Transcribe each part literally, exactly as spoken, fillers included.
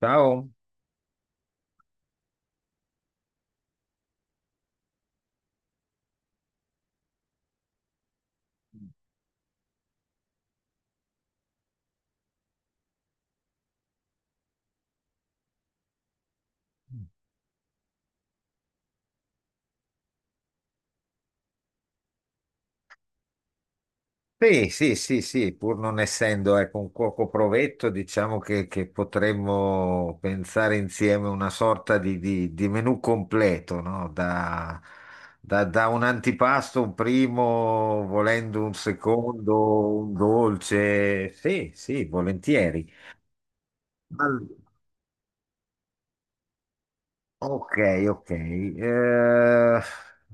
Ciao. Sì, sì, sì, sì, pur non essendo ecco, un cuoco provetto, diciamo che, che potremmo pensare insieme una sorta di, di, di menù completo, no? Da, da- da un antipasto, un primo, volendo un secondo, un dolce. Sì, sì, volentieri. Ok, ok. Eh,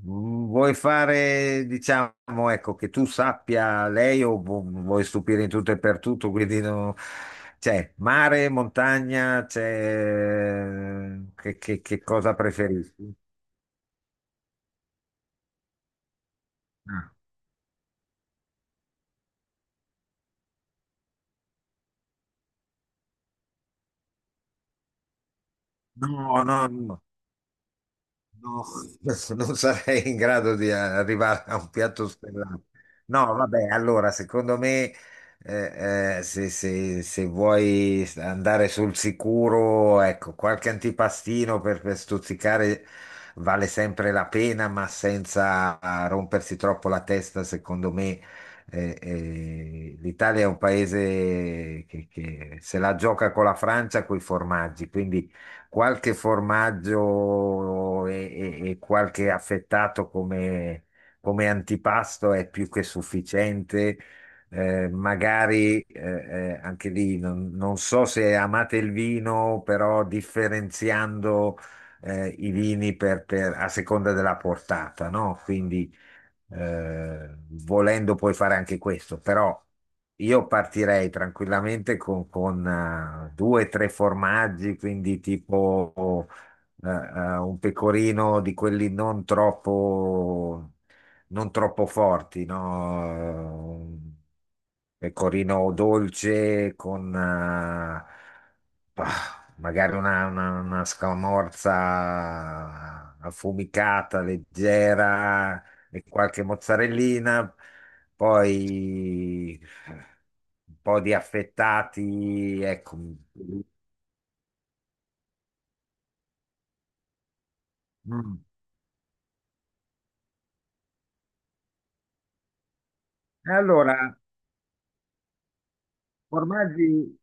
mm, Vuoi fare, diciamo, ecco, che tu sappia lei o vu- vuoi stupire in tutto e per tutto, quindi no- c'è mare, montagna, c'è... Che, che- che cosa preferisci? Ah, No, no, no. No, non sarei in grado di eh, arrivare a un piatto stellato. No, vabbè, allora, secondo me, eh, eh, se, se- se vuoi andare sul sicuro, ecco, qualche antipastino per, per stuzzicare vale sempre la pena, ma senza rompersi troppo la testa, secondo me. Eh, eh, L'Italia è un paese che, che se la gioca con la Francia, con i formaggi, quindi qualche formaggio e, e- e qualche affettato come, come antipasto è più che sufficiente. Eh, magari eh, eh, anche lì non, non so se amate il vino, però differenziando eh, i vini per- per- a seconda della portata, no? Quindi eh, volendo puoi fare anche questo, però io partirei tranquillamente con, con eh, due o tre formaggi, quindi tipo eh, eh, un pecorino di quelli non troppo, non troppo forti, no? Un pecorino dolce con eh, bah, magari una, una, una scamorza affumicata, leggera, e qualche mozzarellina, poi un po' di affettati, ecco. Mm. E allora, formaggi.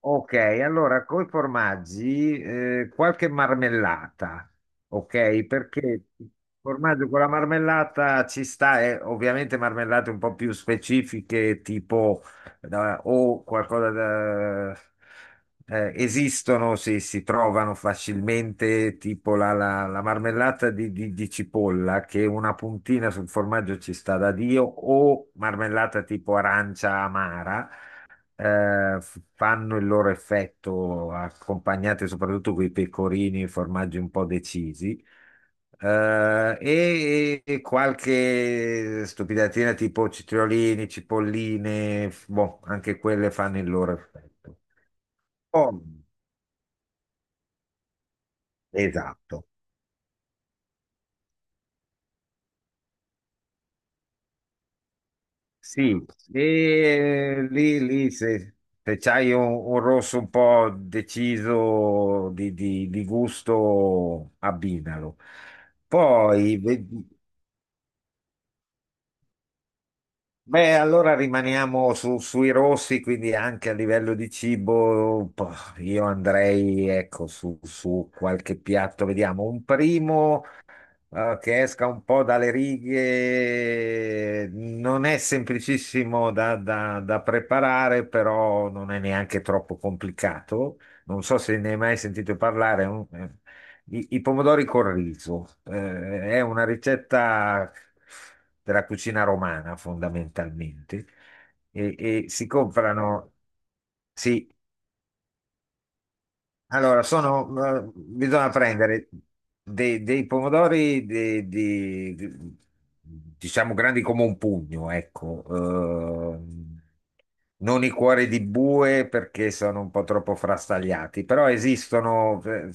Ok, allora con i formaggi eh, qualche marmellata, ok? Perché il formaggio con la marmellata ci sta, e ovviamente marmellate un po' più specifiche, tipo da- o qualcosa da... eh, esistono, si, si trovano facilmente, tipo la, la- la marmellata di, di- di cipolla, che una puntina sul formaggio ci sta da Dio, o marmellata tipo arancia amara, eh, f- fanno il loro effetto, accompagnate soprattutto con i pecorini e formaggi un po' decisi. Eh, e, e qualche stupidatina tipo citriolini, cipolline, f- boh, anche quelle fanno il loro effetto. Poi, esatto, sì, e lì, lì se, se c'hai un, un rosso un po' deciso di, di- di gusto, abbinalo. Poi, ve- beh, allora rimaniamo su- sui rossi, quindi anche a livello di cibo, po- io andrei, ecco, su, su qualche piatto, vediamo, un primo, eh, che esca un po' dalle righe, non è semplicissimo da, da- da preparare, però non è neanche troppo complicato. Non so se ne hai mai sentito parlare. è un- eh, I, i pomodori col riso, eh, è una ricetta della cucina romana fondamentalmente. E, e si comprano. Sì, allora, sono, eh, bisogna prendere dei, dei pomodori di, di- di- diciamo grandi come un pugno, ecco, ehm, non i cuori di bue perché sono un po' troppo frastagliati, però esistono. eh,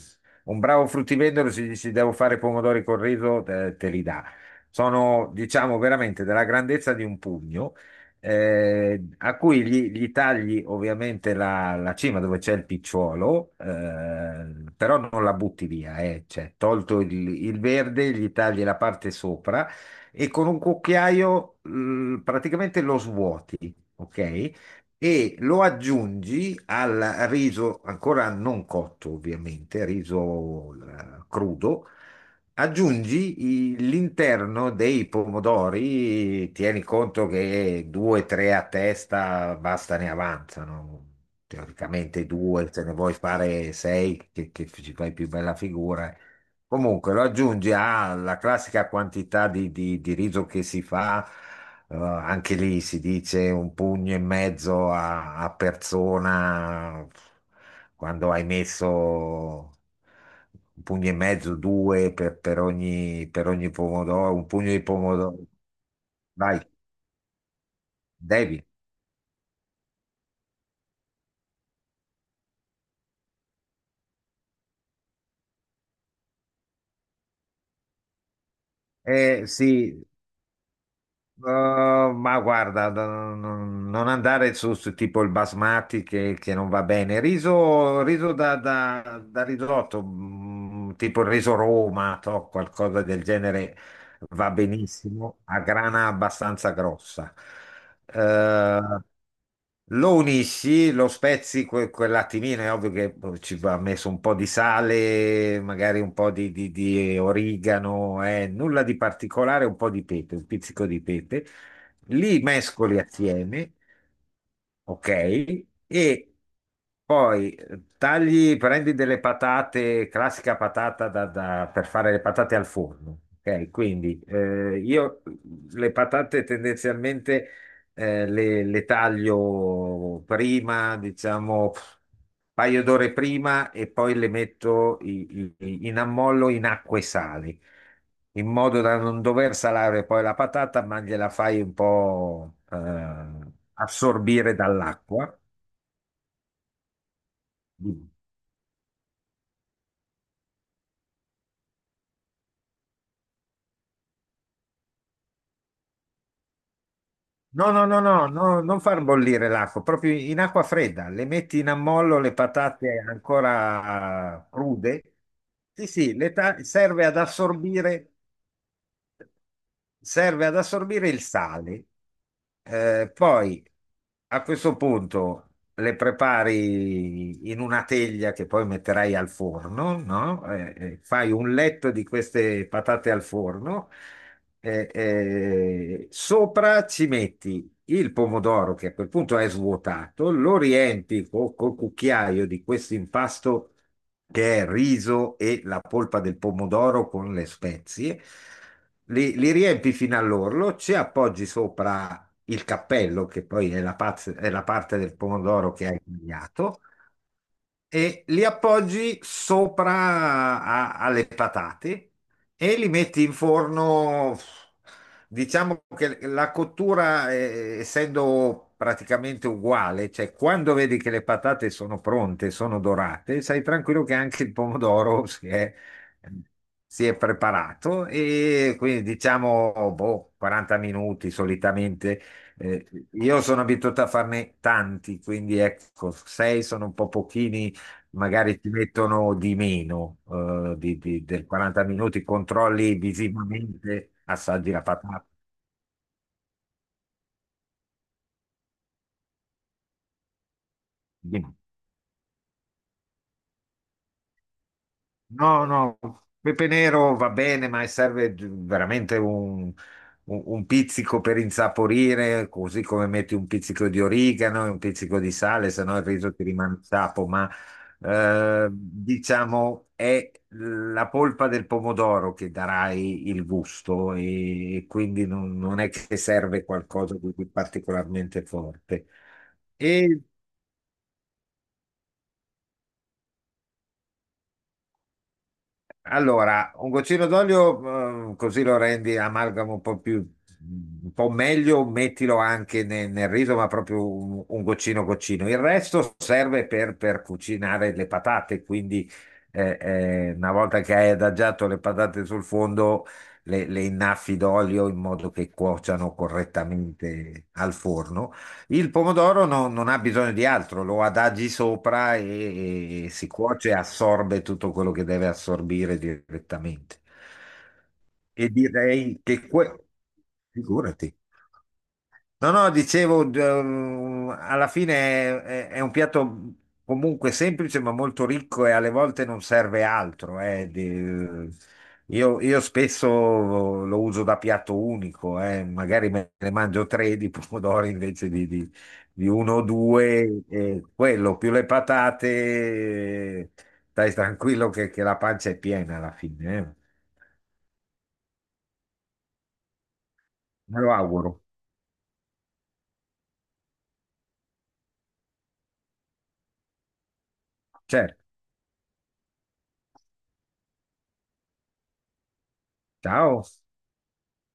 Un bravo fruttivendolo, se gli dici devo fare pomodori col riso, te, te li dà. Sono, diciamo, veramente della grandezza di un pugno, eh, a cui gli, gli tagli ovviamente la, la cima dove c'è il picciolo, eh, però non la butti via, eh, cioè, tolto il, il verde, gli tagli la parte sopra e con un cucchiaio, eh, praticamente lo svuoti, ok? E lo aggiungi al riso ancora non cotto, ovviamente, riso eh, crudo. Aggiungi i- l'interno dei pomodori, tieni conto che due, tre a testa basta ne avanzano. Teoricamente due, se ne vuoi fare sei, che, che ci fai più bella figura. Comunque lo aggiungi alla classica quantità di di- di riso che si fa. Eh, anche lì si dice un pugno e mezzo a, a persona quando hai messo un pugno e mezzo, due per, per ogni, per ogni pomodoro, un pugno di pomodoro. Vai, devi. Eh, sì, Uh, ma guarda, da- non non andare su, su tipo il basmati che, che non va bene. Riso, riso da, da- da risotto, mm, tipo il riso Roma, to, qualcosa del genere va benissimo, a grana abbastanza grossa. Eh, lo unisci, lo spezzi que- quell'attimino, è ovvio che boh, ci va messo un po' di sale, magari un po' di, di- di origano, eh, nulla di particolare, un po' di pepe, un pizzico di pepe. Li mescoli assieme ok? E poi eh, tagli, prendi delle patate, classica patata da, da- per fare le patate al forno, ok? Quindi eh, io mm, le patate tendenzialmente eh, le, le taglio prima, diciamo, pff, un paio d'ore prima e poi le metto i- i- in ammollo in acqua e sale in modo da non dover salare poi la patata, ma gliela fai un po' eh, assorbire dall'acqua. No, no, no, no, no, non far bollire l'acqua, proprio in acqua fredda, le metti in ammollo le patate ancora eh, crude. Sì, sì, le ta- serve ad assorbire serve ad assorbire il sale. Eh, poi a questo punto le prepari in una teglia che poi metterai al forno, no? Eh, eh, fai un letto di queste patate al forno, eh, eh, sopra ci metti il pomodoro che a quel punto è svuotato, lo riempi co- col cucchiaio di questo impasto che è riso e la polpa del pomodoro con le spezie, li, li riempi fino all'orlo, ci appoggi sopra il cappello, che poi è la, paz- è la parte del pomodoro che hai tagliato, e li appoggi sopra a- alle patate e li metti in forno. Diciamo che la cottura, eh, essendo praticamente uguale, cioè quando vedi che le patate sono pronte, sono dorate, sai tranquillo che anche il pomodoro si è, si è preparato e quindi diciamo boh, quaranta minuti solitamente. Eh, io sono abituato a farne tanti, quindi ecco, sei sono un po' pochini magari ti mettono di meno eh, di- di- del quaranta minuti, controlli visivamente, assaggi la patata. No, no, pepe nero va bene, ma serve veramente un, un- un pizzico per insaporire, così come metti un pizzico di origano e un pizzico di sale, se no il riso ti rimane sapo, ma eh, diciamo è la polpa del pomodoro che darai il gusto e, e quindi non, non è che serve qualcosa di particolarmente forte. Allora, un goccino d'olio, eh, così lo rendi amalgamo un po' più, un po' meglio, mettilo anche ne- nel, riso, ma proprio un, un goccino goccino. Il resto serve per, per cucinare le patate, quindi eh, eh, una volta che hai adagiato le patate sul fondo, le, le innaffi d'olio in modo che cuociano correttamente al forno. Il pomodoro no- non ha bisogno di altro, lo adagi sopra e, e si cuoce e assorbe tutto quello che deve assorbire direttamente. E direi che que- figurati. No, no, dicevo, d- ehm, alla fine è, è- è un piatto comunque semplice ma molto ricco e alle volte non serve altro. eh, di- io, io spesso lo uso da piatto unico, eh, magari me ne mangio tre di pomodori invece di, di- di uno o due, e quello più le patate, eh, stai tranquillo che, che la pancia è piena alla fine. Eh. Me lo auguro. Certo, ciao.